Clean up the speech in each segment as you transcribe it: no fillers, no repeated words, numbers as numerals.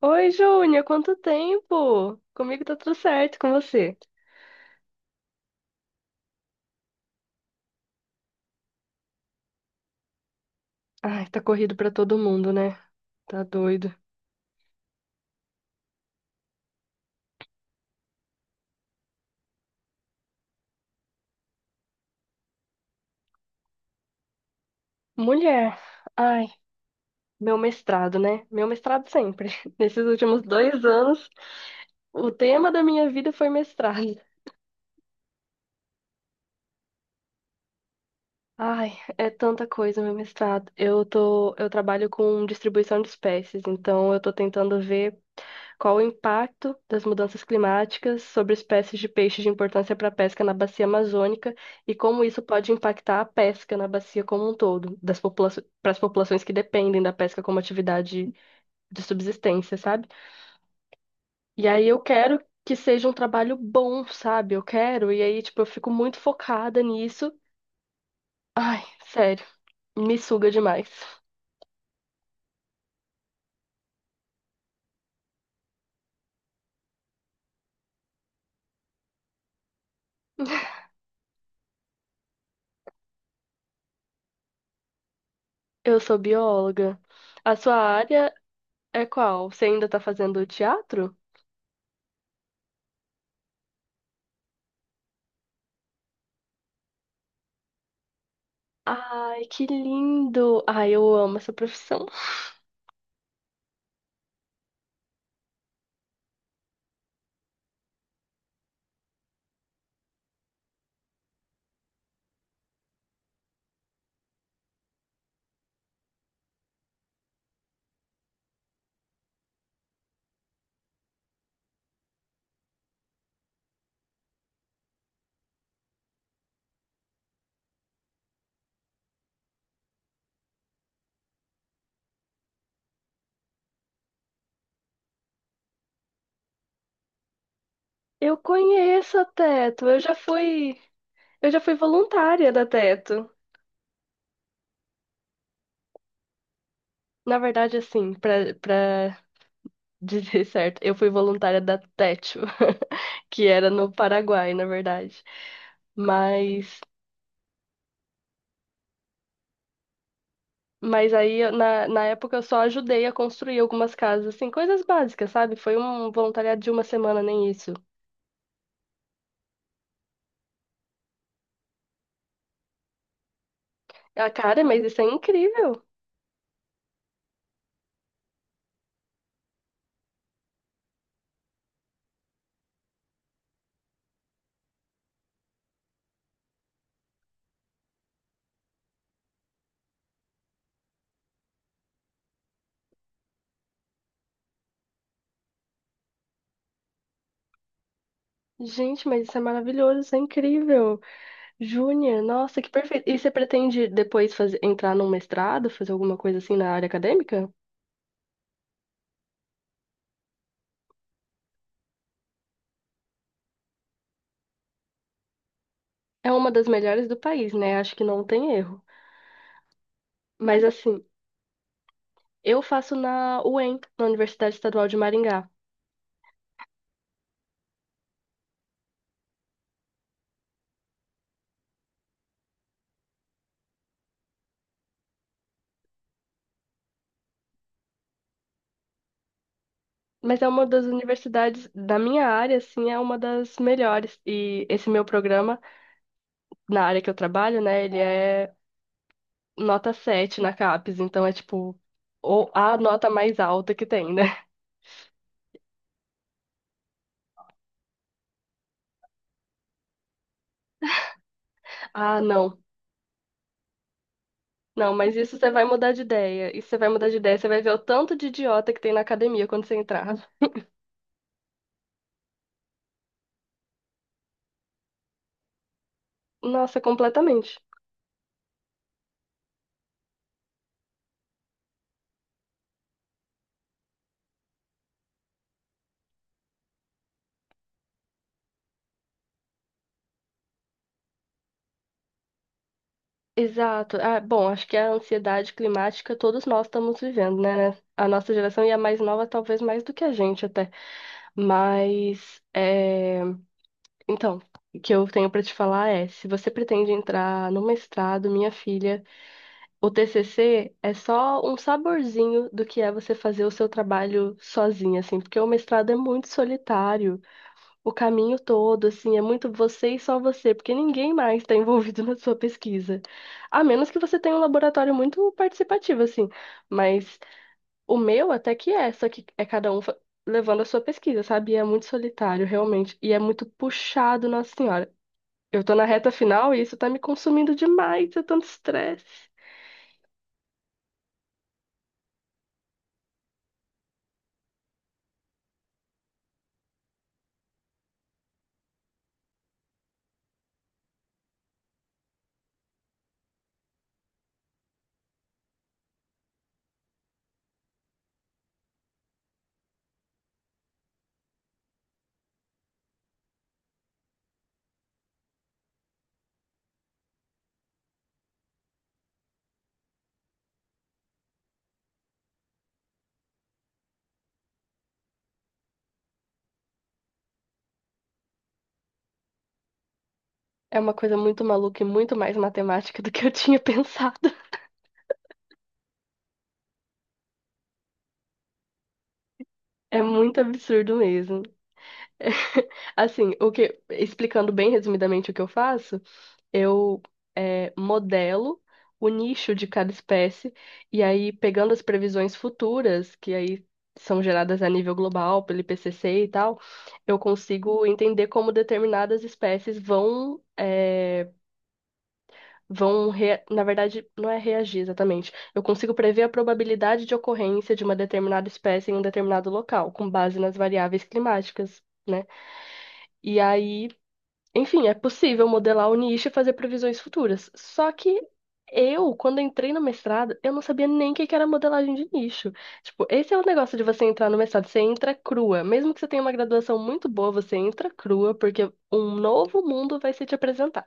Oi, Júnior, quanto tempo? Comigo tá tudo certo, com você? Ai, tá corrido pra todo mundo, né? Tá doido. Mulher, ai, meu mestrado, né? Meu mestrado sempre. Nesses últimos 2 anos, o tema da minha vida foi mestrado. Ai, é tanta coisa, meu mestrado. Eu trabalho com distribuição de espécies, então eu tô tentando ver qual o impacto das mudanças climáticas sobre espécies de peixe de importância para a pesca na bacia amazônica e como isso pode impactar a pesca na bacia como um todo, das popula para as populações que dependem da pesca como atividade de subsistência, sabe? E aí eu quero que seja um trabalho bom, sabe? E aí, tipo, eu fico muito focada nisso. Ai, sério, me suga demais. Eu sou bióloga. A sua área é qual? Você ainda tá fazendo teatro? Ai, que lindo! Ai, eu amo essa profissão. Eu conheço a Teto. Eu já fui voluntária da Teto. Na verdade, assim, para dizer certo, eu fui voluntária da Techo, que era no Paraguai, na verdade. Mas, mas aí, na época, eu só ajudei a construir algumas casas, assim, coisas básicas, sabe? Foi um voluntariado de uma semana, nem isso. Ah, cara, mas isso é incrível! Gente, mas isso é maravilhoso, isso é incrível! Júnior, nossa, que perfeito. E você pretende depois fazer, entrar num mestrado, fazer alguma coisa assim na área acadêmica? É uma das melhores do país, né? Acho que não tem erro. Mas assim, eu faço na UEM, na Universidade Estadual de Maringá. Mas é uma das universidades da minha área, assim, é uma das melhores. E esse meu programa, na área que eu trabalho, né, ele é nota 7 na CAPES, então é tipo a nota mais alta que tem, né? Ah, não. Não, mas isso você vai mudar de ideia. Isso você vai mudar de ideia. Você vai ver o tanto de idiota que tem na academia quando você entrar. Nossa, completamente. Exato. Ah, bom, acho que a ansiedade climática todos nós estamos vivendo, né? A nossa geração e a mais nova, talvez mais do que a gente até. Mas, então, o que eu tenho pra te falar é: se você pretende entrar no mestrado, minha filha, o TCC é só um saborzinho do que é você fazer o seu trabalho sozinha, assim, porque o mestrado é muito solitário. O caminho todo, assim, é muito você e só você, porque ninguém mais está envolvido na sua pesquisa. A menos que você tenha um laboratório muito participativo, assim. Mas o meu até que é, só que é cada um levando a sua pesquisa, sabe? E é muito solitário, realmente. E é muito puxado, Nossa Senhora. Eu tô na reta final e isso tá me consumindo demais, é tanto estresse. É uma coisa muito maluca e muito mais matemática do que eu tinha pensado. É muito absurdo mesmo. Assim, o que, explicando bem resumidamente o que eu faço, eu modelo o nicho de cada espécie e aí pegando as previsões futuras, que aí são geradas a nível global pelo IPCC e tal, eu consigo entender como determinadas espécies vão, na verdade, não é reagir exatamente. Eu consigo prever a probabilidade de ocorrência de uma determinada espécie em um determinado local, com base nas variáveis climáticas, né? E aí, enfim, é possível modelar o nicho e fazer previsões futuras. Só que eu, quando entrei no mestrado, eu não sabia nem o que que era modelagem de nicho. Tipo, esse é o negócio de você entrar no mestrado, você entra crua. Mesmo que você tenha uma graduação muito boa, você entra crua, porque um novo mundo vai ser te apresentado.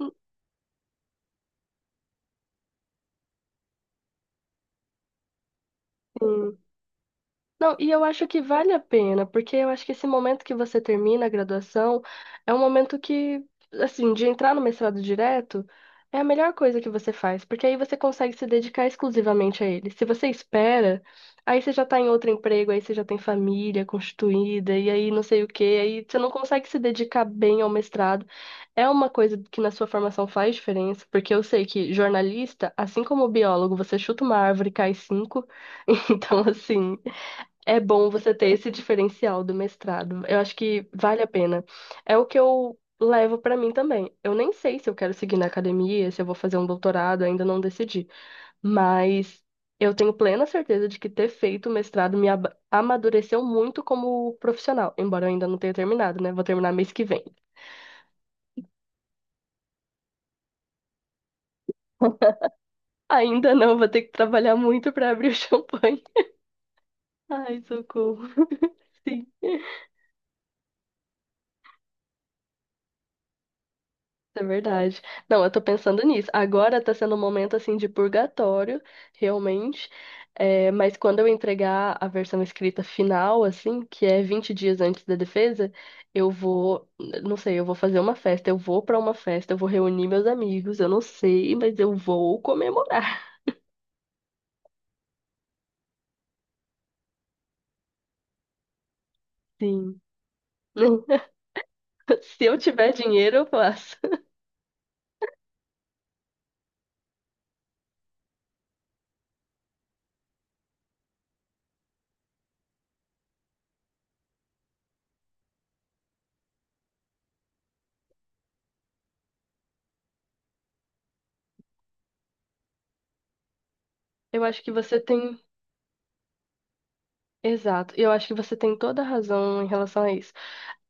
Hum. Hum. Não, e eu acho que vale a pena, porque eu acho que esse momento que você termina a graduação é um momento que, assim, de entrar no mestrado direto é a melhor coisa que você faz, porque aí você consegue se dedicar exclusivamente a ele. Se você espera, aí você já tá em outro emprego, aí você já tem família constituída, e aí não sei o quê, aí você não consegue se dedicar bem ao mestrado. É uma coisa que na sua formação faz diferença, porque eu sei que jornalista, assim como biólogo, você chuta uma árvore e cai cinco. Então, assim. É bom você ter esse diferencial do mestrado. Eu acho que vale a pena. É o que eu levo pra mim também. Eu nem sei se eu quero seguir na academia, se eu vou fazer um doutorado, ainda não decidi. Mas eu tenho plena certeza de que ter feito o mestrado amadureceu muito como profissional, embora eu ainda não tenha terminado, né? Vou terminar mês que vem. Ainda não, vou ter que trabalhar muito pra abrir o champanhe. Ai, socorro. Sim. É verdade. Não, eu tô pensando nisso. Agora tá sendo um momento assim de purgatório, realmente. É, mas quando eu entregar a versão escrita final, assim, que é 20 dias antes da defesa, eu vou, não sei, eu vou fazer uma festa, eu vou pra uma festa, eu vou reunir meus amigos, eu não sei, mas eu vou comemorar. Sim. Se eu tiver dinheiro, eu faço. Eu acho que você tem. Exato. Eu acho que você tem toda a razão em relação a isso.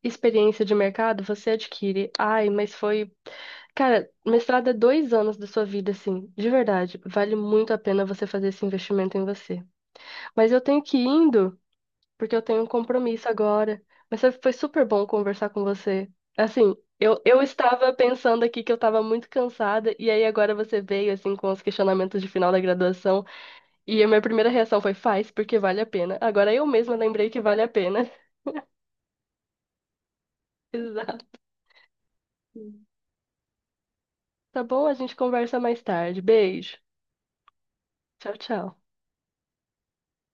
Experiência de mercado você adquire. Ai, mas foi. Cara, mestrado é 2 anos da sua vida, assim, de verdade. Vale muito a pena você fazer esse investimento em você. Mas eu tenho que ir indo, porque eu tenho um compromisso agora. Mas sabe, foi super bom conversar com você. Assim, eu estava pensando aqui que eu estava muito cansada, e aí agora você veio, assim, com os questionamentos de final da graduação, e a minha primeira reação foi: faz, porque vale a pena. Agora eu mesma lembrei que vale a pena. Exato. Tá bom? A gente conversa mais tarde. Beijo. Tchau, tchau.